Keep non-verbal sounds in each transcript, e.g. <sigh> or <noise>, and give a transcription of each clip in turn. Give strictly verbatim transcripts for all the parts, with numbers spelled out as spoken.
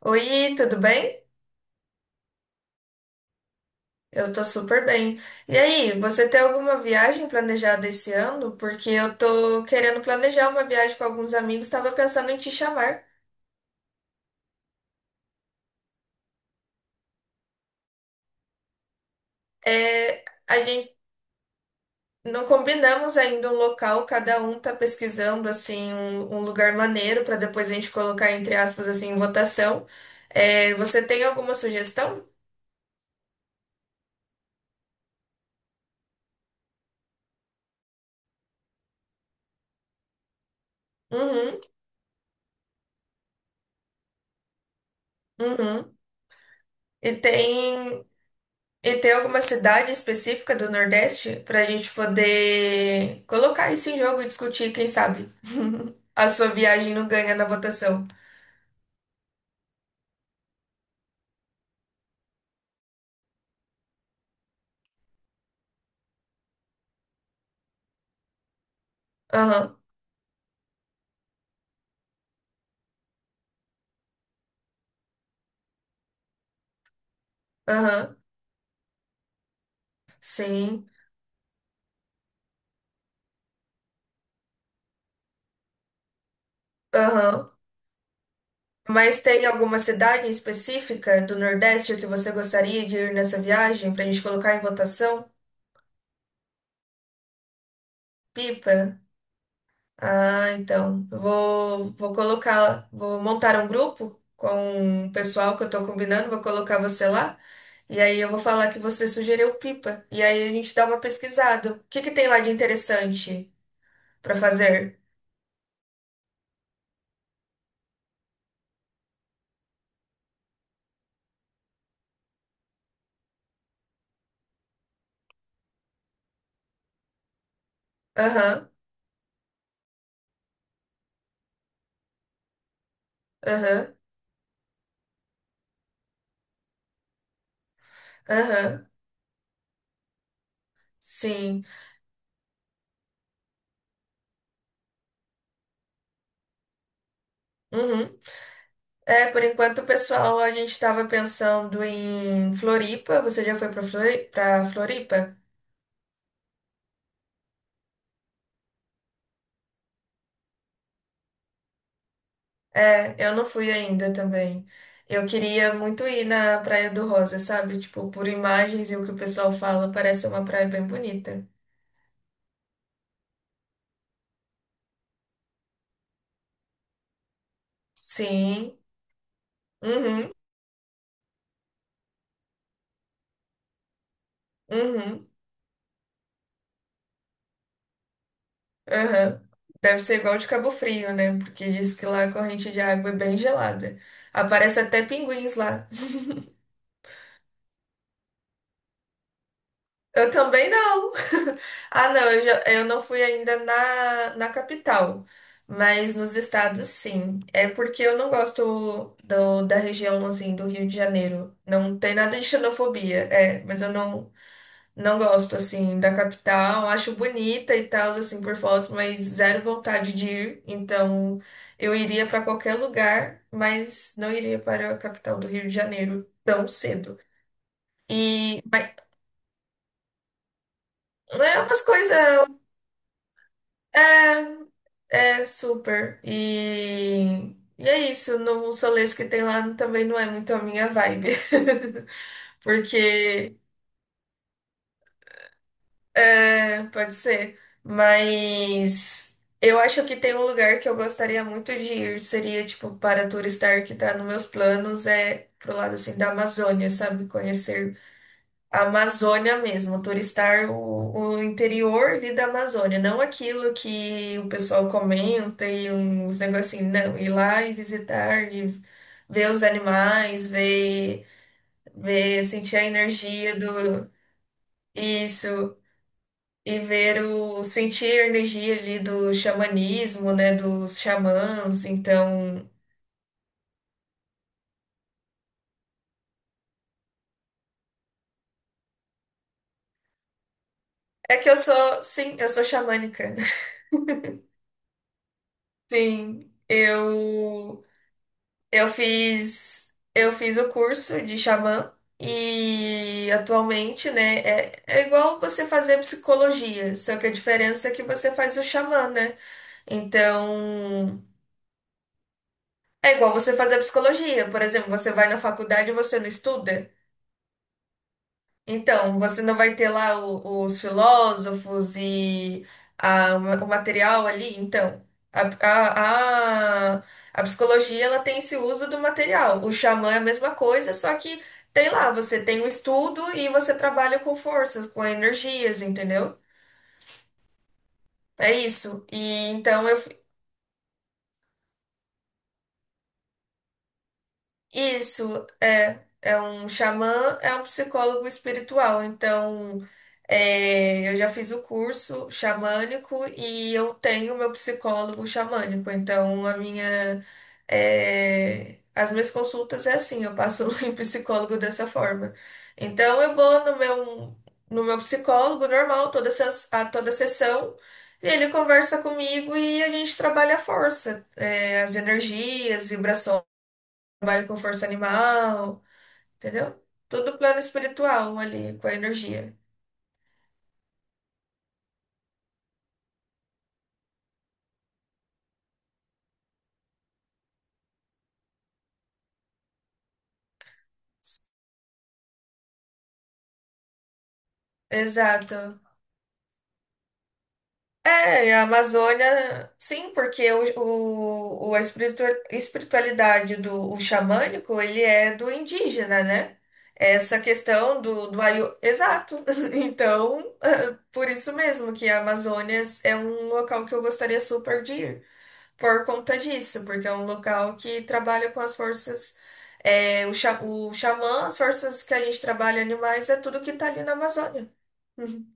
Oi, tudo bem? Eu tô super bem. E aí, você tem alguma viagem planejada esse ano? Porque eu tô querendo planejar uma viagem com alguns amigos, tava pensando em te chamar. É, a gente não combinamos ainda um local, cada um tá pesquisando assim um, um lugar maneiro para depois a gente colocar entre aspas assim em votação. É, você tem alguma sugestão? Uhum, uhum. E tem. E tem alguma cidade específica do Nordeste para a gente poder colocar isso em jogo e discutir, quem sabe? <laughs> A sua viagem não ganha na votação. Aham, aham, sim, aham. Mas tem alguma cidade em específica do Nordeste que você gostaria de ir nessa viagem para a gente colocar em votação? Pipa? Ah, então. eu Vou, vou colocar, vou montar um grupo com o pessoal que eu tô combinando, vou colocar você lá. E aí eu vou falar que você sugeriu Pipa. E aí a gente dá uma pesquisada. O que que tem lá de interessante pra fazer? Aham, aham, aham. Sim. Uhum. É, por enquanto, pessoal, a gente tava pensando em Floripa. Você já foi pra Flori- pra Floripa? É, eu não fui ainda também. Eu queria muito ir na Praia do Rosa, sabe? Tipo, por imagens e o que o pessoal fala, parece uma praia bem bonita. Sim. Uhum. Uhum. Aham. Deve ser igual de Cabo Frio, né? Porque diz que lá a corrente de água é bem gelada. Aparece até pinguins lá. Eu também não. <laughs> Ah, não, eu, já- eu não fui ainda na, na capital, mas nos estados sim. É porque eu não gosto do, da região assim do Rio de Janeiro. Não tem nada de xenofobia, é, mas eu não, não gosto, assim, da capital. Acho bonita e tal, assim, por fotos, mas zero vontade de ir. Então, eu iria para qualquer lugar, mas não iria para a capital do Rio de Janeiro tão cedo. E, mas, né, é umas coisas. É, é super. E, e é isso. No Solês que tem lá também não é muito a minha vibe. <laughs> Porque é, pode ser. Mas eu acho que tem um lugar que eu gostaria muito de ir, seria tipo para turistar, que tá nos meus planos, é pro lado assim da Amazônia, sabe? Conhecer a Amazônia mesmo, turistar o, o interior ali da Amazônia, não aquilo que o pessoal comenta e uns negocinhos, não, ir lá e visitar e ver os animais, ver, ver, sentir a energia do isso e ver o sentir a energia ali do xamanismo, né, dos xamãs. Então, é que eu sou, sim, eu sou xamânica. <laughs> Sim, eu eu fiz eu fiz o curso de xamã e atualmente, né, é, é igual você fazer psicologia, só que a diferença é que você faz o xamã, né? Então, é igual você fazer psicologia. Por exemplo, você vai na faculdade e você não estuda. Então, você não vai ter lá o- os filósofos e a- o material ali? Então, a, a, a, a psicologia, ela tem esse uso do material. O xamã é a mesma coisa, só que tem lá, você tem o estudo e você trabalha com forças, com energias, entendeu? É isso. E então eu isso é, é um xamã, é um psicólogo espiritual. Então, é, eu já fiz o curso xamânico e eu tenho meu psicólogo xamânico. Então, a minha, é, as minhas consultas é assim, eu passo <laughs> em psicólogo dessa forma. Então, eu vou no meu, no meu psicólogo normal, toda, ses- a toda sessão. E ele conversa comigo e a gente trabalha a força, é, as energias, vibrações, trabalho com força animal, entendeu? Tudo plano espiritual ali, com a energia. Exato. É, a Amazônia, sim, porque o, o, o- a espiritu- espiritualidade do o xamânico, ele é do indígena, né? Essa questão do, do aio- exato. <laughs> Então, <laughs> por isso mesmo que a Amazônia é um local que eu gostaria super de ir, por conta disso, porque é um local que trabalha com as forças, é, o, xa- o xamã, as forças que a gente trabalha animais, é tudo que tá ali na Amazônia. Uhum.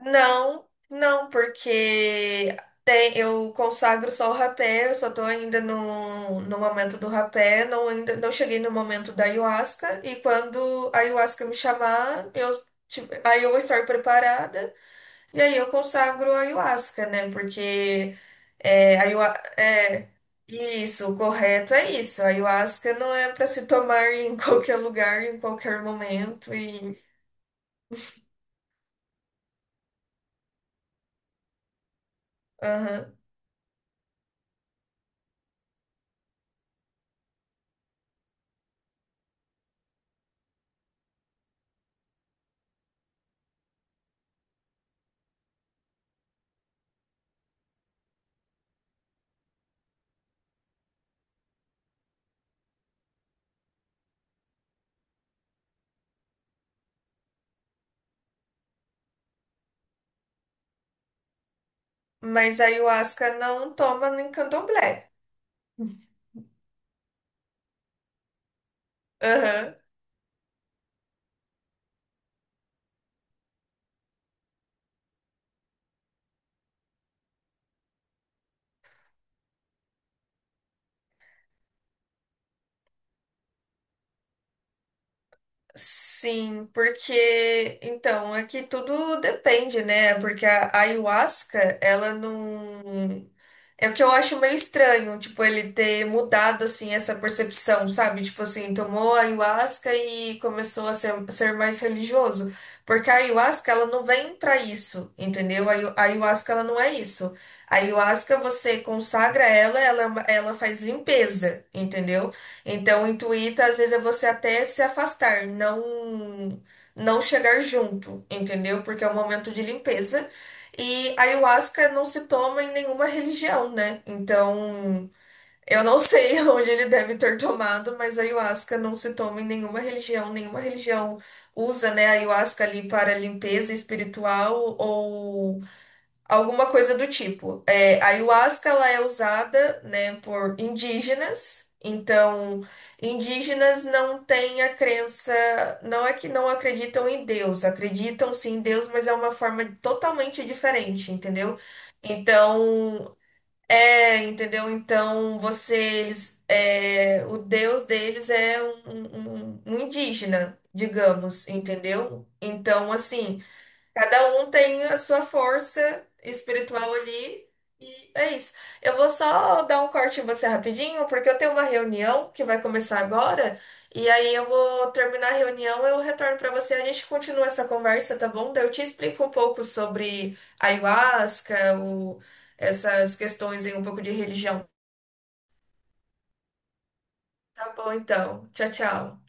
Não, não, porque tem, eu consagro só o rapé, eu só tô ainda no, no momento do rapé, não, ainda, não cheguei no momento da ayahuasca, e quando a ayahuasca me chamar, eu, tipo, aí eu vou estar preparada. E aí eu consagro a ayahuasca, né? Porque é, a ayua- é, isso, o correto é isso. A ayahuasca não é para se tomar em <laughs> qualquer lugar, em qualquer momento. E, aham. Mas a ayahuasca não toma nem candomblé. Aham. Sim, porque então aqui tudo depende, né? Porque a a ayahuasca, ela não. É o que eu acho meio estranho, tipo, ele ter mudado assim essa percepção, sabe? Tipo assim, tomou a ayahuasca e começou a ser, ser mais religioso. Porque a ayahuasca, ela não vem pra isso, entendeu? A ayu- a ayahuasca, ela não é isso. A ayahuasca, você consagra ela, ela, é uma- ela faz limpeza, entendeu? Então, intuita às vezes é você até se afastar, não não chegar junto, entendeu? Porque é um momento de limpeza. E a ayahuasca não se toma em nenhuma religião, né? Então, eu não <laughs> sei onde ele deve ter tomado, mas a ayahuasca não se toma em nenhuma religião, nenhuma religião usa, né, a ayahuasca ali para limpeza espiritual ou alguma coisa do tipo. É, a ayahuasca, ela é usada, né, por indígenas. Então, indígenas não têm a crença, não é que não acreditam em Deus, acreditam sim em Deus, mas é uma forma totalmente diferente, entendeu? Então, é, entendeu? Então, você, eles, é, o Deus deles é um, um um um indígena, digamos, entendeu? Então, assim. Cada um tem a sua força espiritual ali e é isso. Eu vou só dar um corte em você rapidinho, porque eu tenho uma reunião que vai começar agora, e aí eu vou terminar a reunião, eu retorno para você, a gente continua essa conversa, tá bom? Daí eu te explico um pouco sobre ayahuasca, o- essas questões aí, um pouco de religião. Tá bom, então. Tchau, tchau.